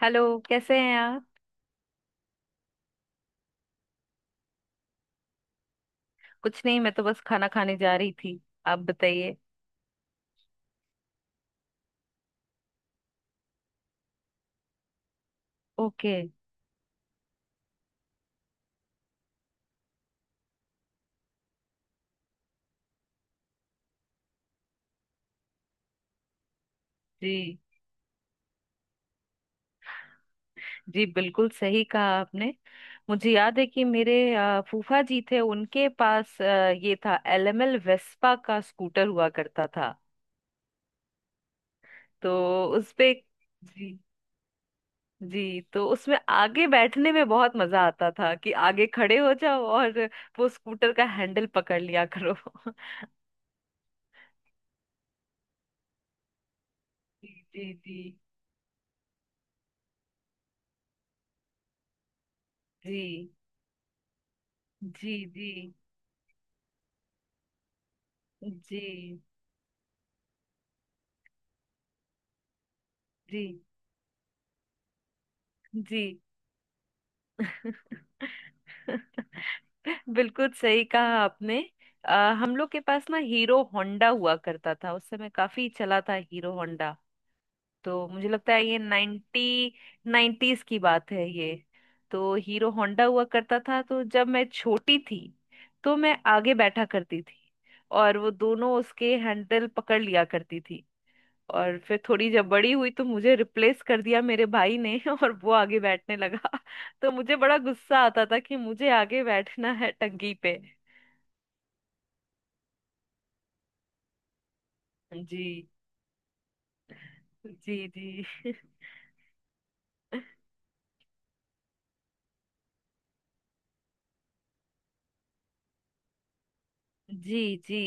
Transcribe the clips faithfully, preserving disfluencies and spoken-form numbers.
Hello, कैसे हैं आप? कुछ नहीं, मैं तो बस खाना खाने जा रही थी। आप बताइए। ओके। जी। जी, बिल्कुल सही कहा आपने। मुझे याद है कि मेरे अ, फूफा जी थे, उनके पास अ, ये था, एलएमएल वेस्पा का स्कूटर हुआ करता था। तो उसपे। जी। जी, तो उसमें आगे बैठने में बहुत मजा आता था कि आगे खड़े हो जाओ और वो स्कूटर का हैंडल पकड़ लिया करो। जी। जी। जी जी। जी जी। जी जी जी। बिल्कुल सही कहा आपने। आ, हम लोग के पास ना हीरो होंडा हुआ करता था, उस समय काफी चला था हीरो होंडा। तो मुझे लगता है ये नाइन्टी नाइन्टीज की बात है ये। तो हीरो होंडा हुआ करता था, तो जब मैं छोटी थी तो मैं आगे बैठा करती थी, और वो दोनों उसके हैंडल पकड़ लिया करती थी। और फिर थोड़ी जब बड़ी हुई तो मुझे रिप्लेस कर दिया मेरे भाई ने, और वो आगे बैठने लगा। तो मुझे बड़ा गुस्सा आता था कि मुझे आगे बैठना है टंकी पे। जी। जी जी। जी जी।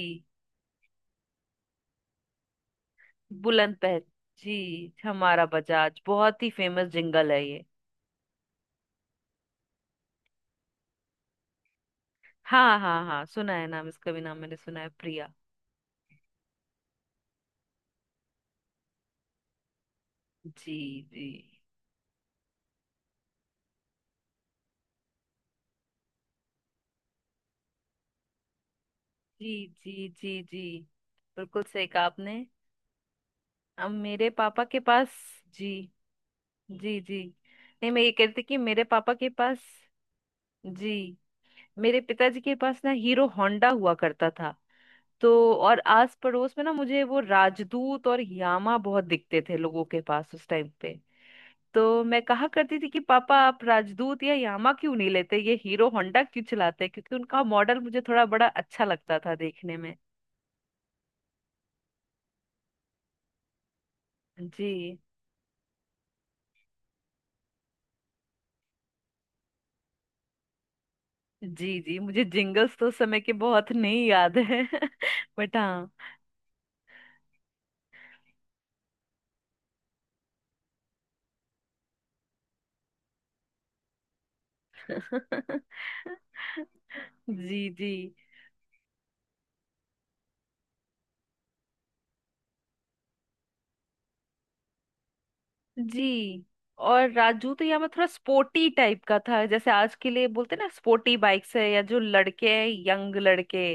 बुलंद पहल। जी, हमारा बजाज बहुत ही फेमस जिंगल है ये। हाँ हाँ हाँ, सुना है नाम, इसका भी नाम मैंने सुना है, प्रिया। जी जी। जी। जी जी जी। बिल्कुल सही कहा आपने। अब मेरे पापा के पास। जी। जी जी। नहीं, मैं ये कहती कि मेरे पापा के पास। जी। मेरे पिताजी के पास ना हीरो होंडा हुआ करता था। तो। और आस पड़ोस में ना मुझे वो राजदूत और यामा बहुत दिखते थे लोगों के पास उस टाइम पे। तो मैं कहा करती थी कि पापा, आप राजदूत या यामा क्यों नहीं लेते, ये हीरो होंडा क्यों चलाते हैं? क्योंकि उनका मॉडल मुझे थोड़ा बड़ा अच्छा लगता था देखने में। जी जी। जी, मुझे जिंगल्स तो उस समय के बहुत नहीं याद है। बट हाँ। जी जी। जी। और राजू तो यहाँ में थोड़ा स्पोर्टी टाइप का था, जैसे आज के लिए बोलते ना स्पोर्टी बाइक्स है, या जो लड़के हैं यंग लड़के।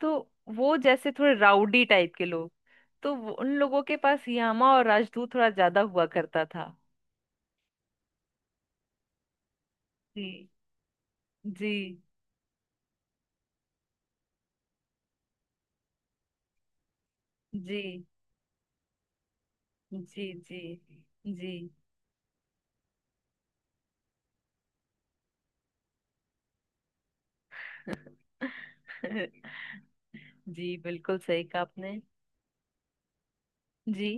तो वो जैसे थोड़े राउडी टाइप के लोग। तो वो- उन लोगों के पास यामा और राजदूत थोड़ा ज्यादा हुआ करता था। जी। जी। जी। जी। जी जी। जी, बिल्कुल सही कहा आपने। जी।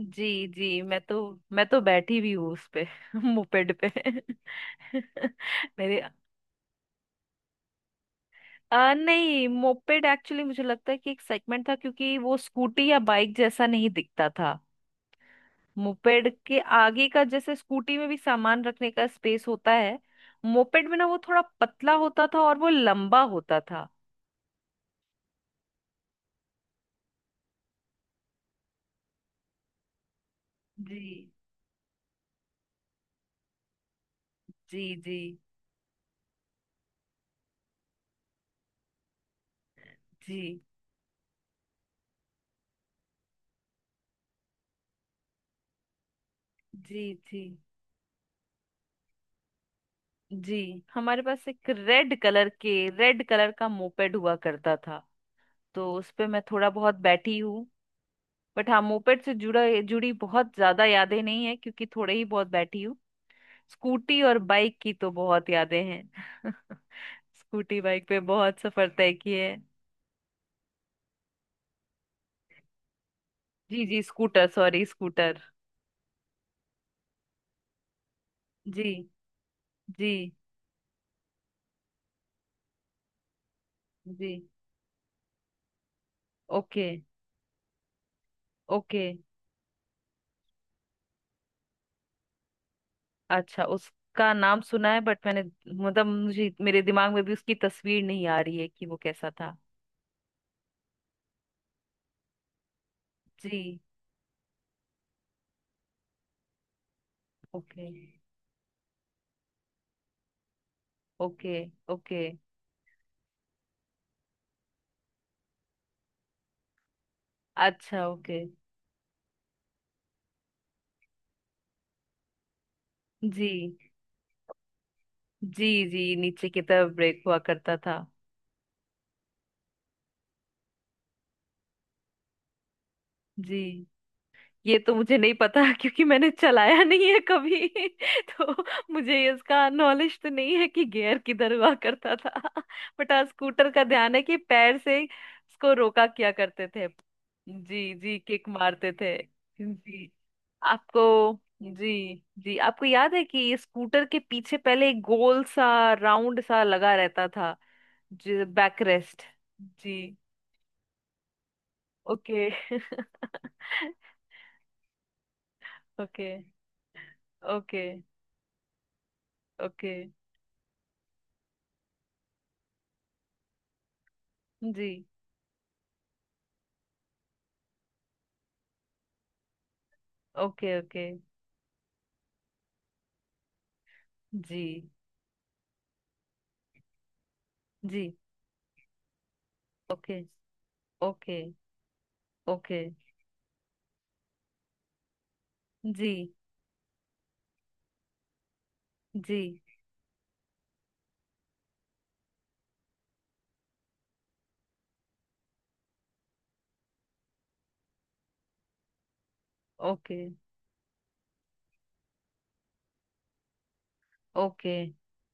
जी। जी मैं तो मैं तो बैठी भी हूँ उस पे। मोपेड पे। मेरे आ, नहीं, मोपेड एक्चुअली मुझे लगता है कि एक सेगमेंट था, क्योंकि वो स्कूटी या बाइक जैसा नहीं दिखता था। मोपेड के आगे का, जैसे स्कूटी में भी सामान रखने का स्पेस होता है, मोपेड में ना वो थोड़ा पतला होता था और वो लंबा होता था। जी। जी। जी जी। जी जी। जी। हमारे पास एक रेड कलर के रेड कलर का मोपेड हुआ करता था। तो उस पे मैं थोड़ा बहुत बैठी हूँ। बट हाँ, मोपेड से जुड़ा जुड़ी बहुत ज्यादा यादें नहीं है, क्योंकि थोड़े ही बहुत बैठी हूँ। स्कूटी और बाइक की तो बहुत यादें हैं। स्कूटी बाइक पे बहुत सफर तय किए हैं। जी जी स्कूटर सॉरी स्कूटर। जी जी। जी। ओके। ओके, अच्छा, उसका नाम सुना है, बट मैंने, मतलब मुझे, मेरे दिमाग में भी उसकी तस्वीर नहीं आ रही है कि वो कैसा था। जी। ओके। ओके। ओके, अच्छा, ओके। जी जी, जी नीचे की तरफ ब्रेक हुआ करता था। जी, ये तो मुझे नहीं पता, क्योंकि मैंने चलाया नहीं है कभी। तो मुझे इसका नॉलेज तो नहीं है कि गियर किधर हुआ करता था। बट हाँ, स्कूटर का ध्यान है कि पैर से उसको रोका किया करते थे। जी जी, किक मारते थे। जी। आपको। जी। जी, आपको याद है कि स्कूटर के पीछे पहले एक गोल सा राउंड सा लगा रहता था, बैक रेस्ट? जी। ओके। ओके। ओके। ओके। जी। ओके। ओके। जी जी। ओके। ओके। ओके। जी जी। ओके। ओके।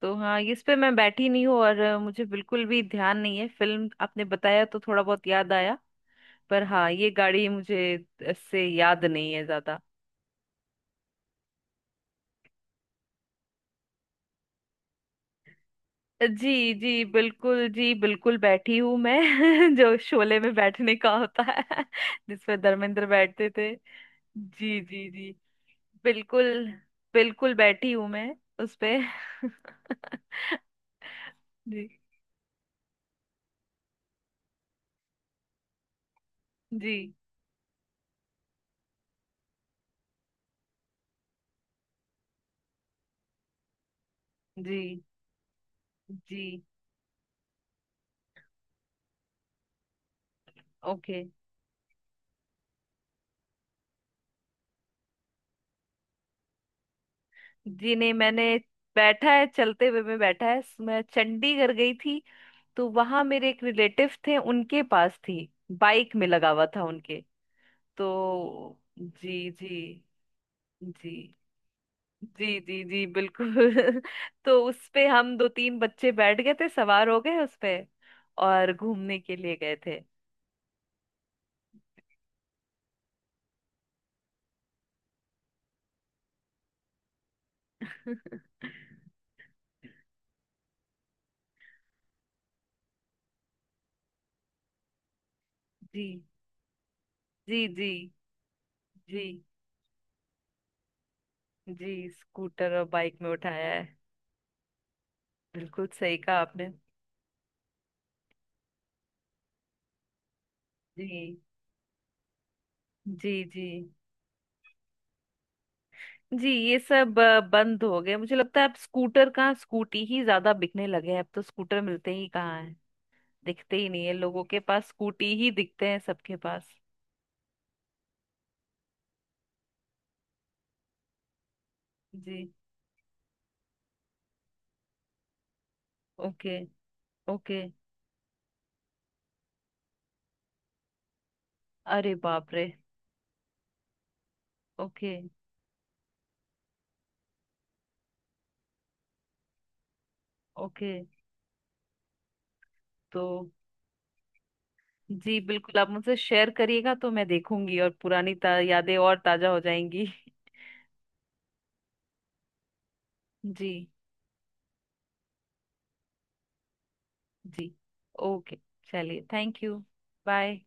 तो हाँ, इस पे मैं बैठी नहीं हूँ, और अ, मुझे बिल्कुल भी ध्यान नहीं है। फिल्म आपने बताया तो थोड़ा बहुत याद आया, पर हाँ ये गाड़ी मुझे इससे याद नहीं है ज्यादा। जी जी, बिल्कुल, जी बिल्कुल, बैठी हूँ मैं। जो शोले में बैठने का होता है, जिसपे धर्मेंद्र बैठते थे। जी जी जी। बिल्कुल, बिल्कुल बैठी हूं मैं उस पे। जी जी। जी। जी ओके। जी, नहीं मैंने बैठा है, चलते हुए में बैठा है। मैं चंडीगढ़ गई थी, तो वहां मेरे एक रिलेटिव थे, उनके पास थी। बाइक में लगा हुआ था उनके। तो जी जी। जी। जी जी जी, बिल्कुल। तो उस पे हम दो तीन बच्चे बैठ गए थे, सवार हो गए उस पे और घूमने के लिए गए थे। जी। जी जी। जी। जी स्कूटर और बाइक में उठाया है। बिल्कुल सही कहा आपने। जी। जी। जी, जी ये सब अ, बंद हो गए, मुझे लगता है। अब स्कूटर कहाँ, स्कूटी ही ज्यादा बिकने लगे हैं, अब तो स्कूटर मिलते ही कहाँ हैं, दिखते ही नहीं है लोगों के पास, स्कूटी ही दिखते हैं सबके पास। जी। ओके। ओके। अरे बाप रे। ओके। ओके। तो जी, बिल्कुल आप मुझसे शेयर करिएगा तो मैं देखूंगी और पुरानी ता- यादें और ताजा हो जाएंगी। जी जी। ओके। चलिए, थैंक यू। बाय।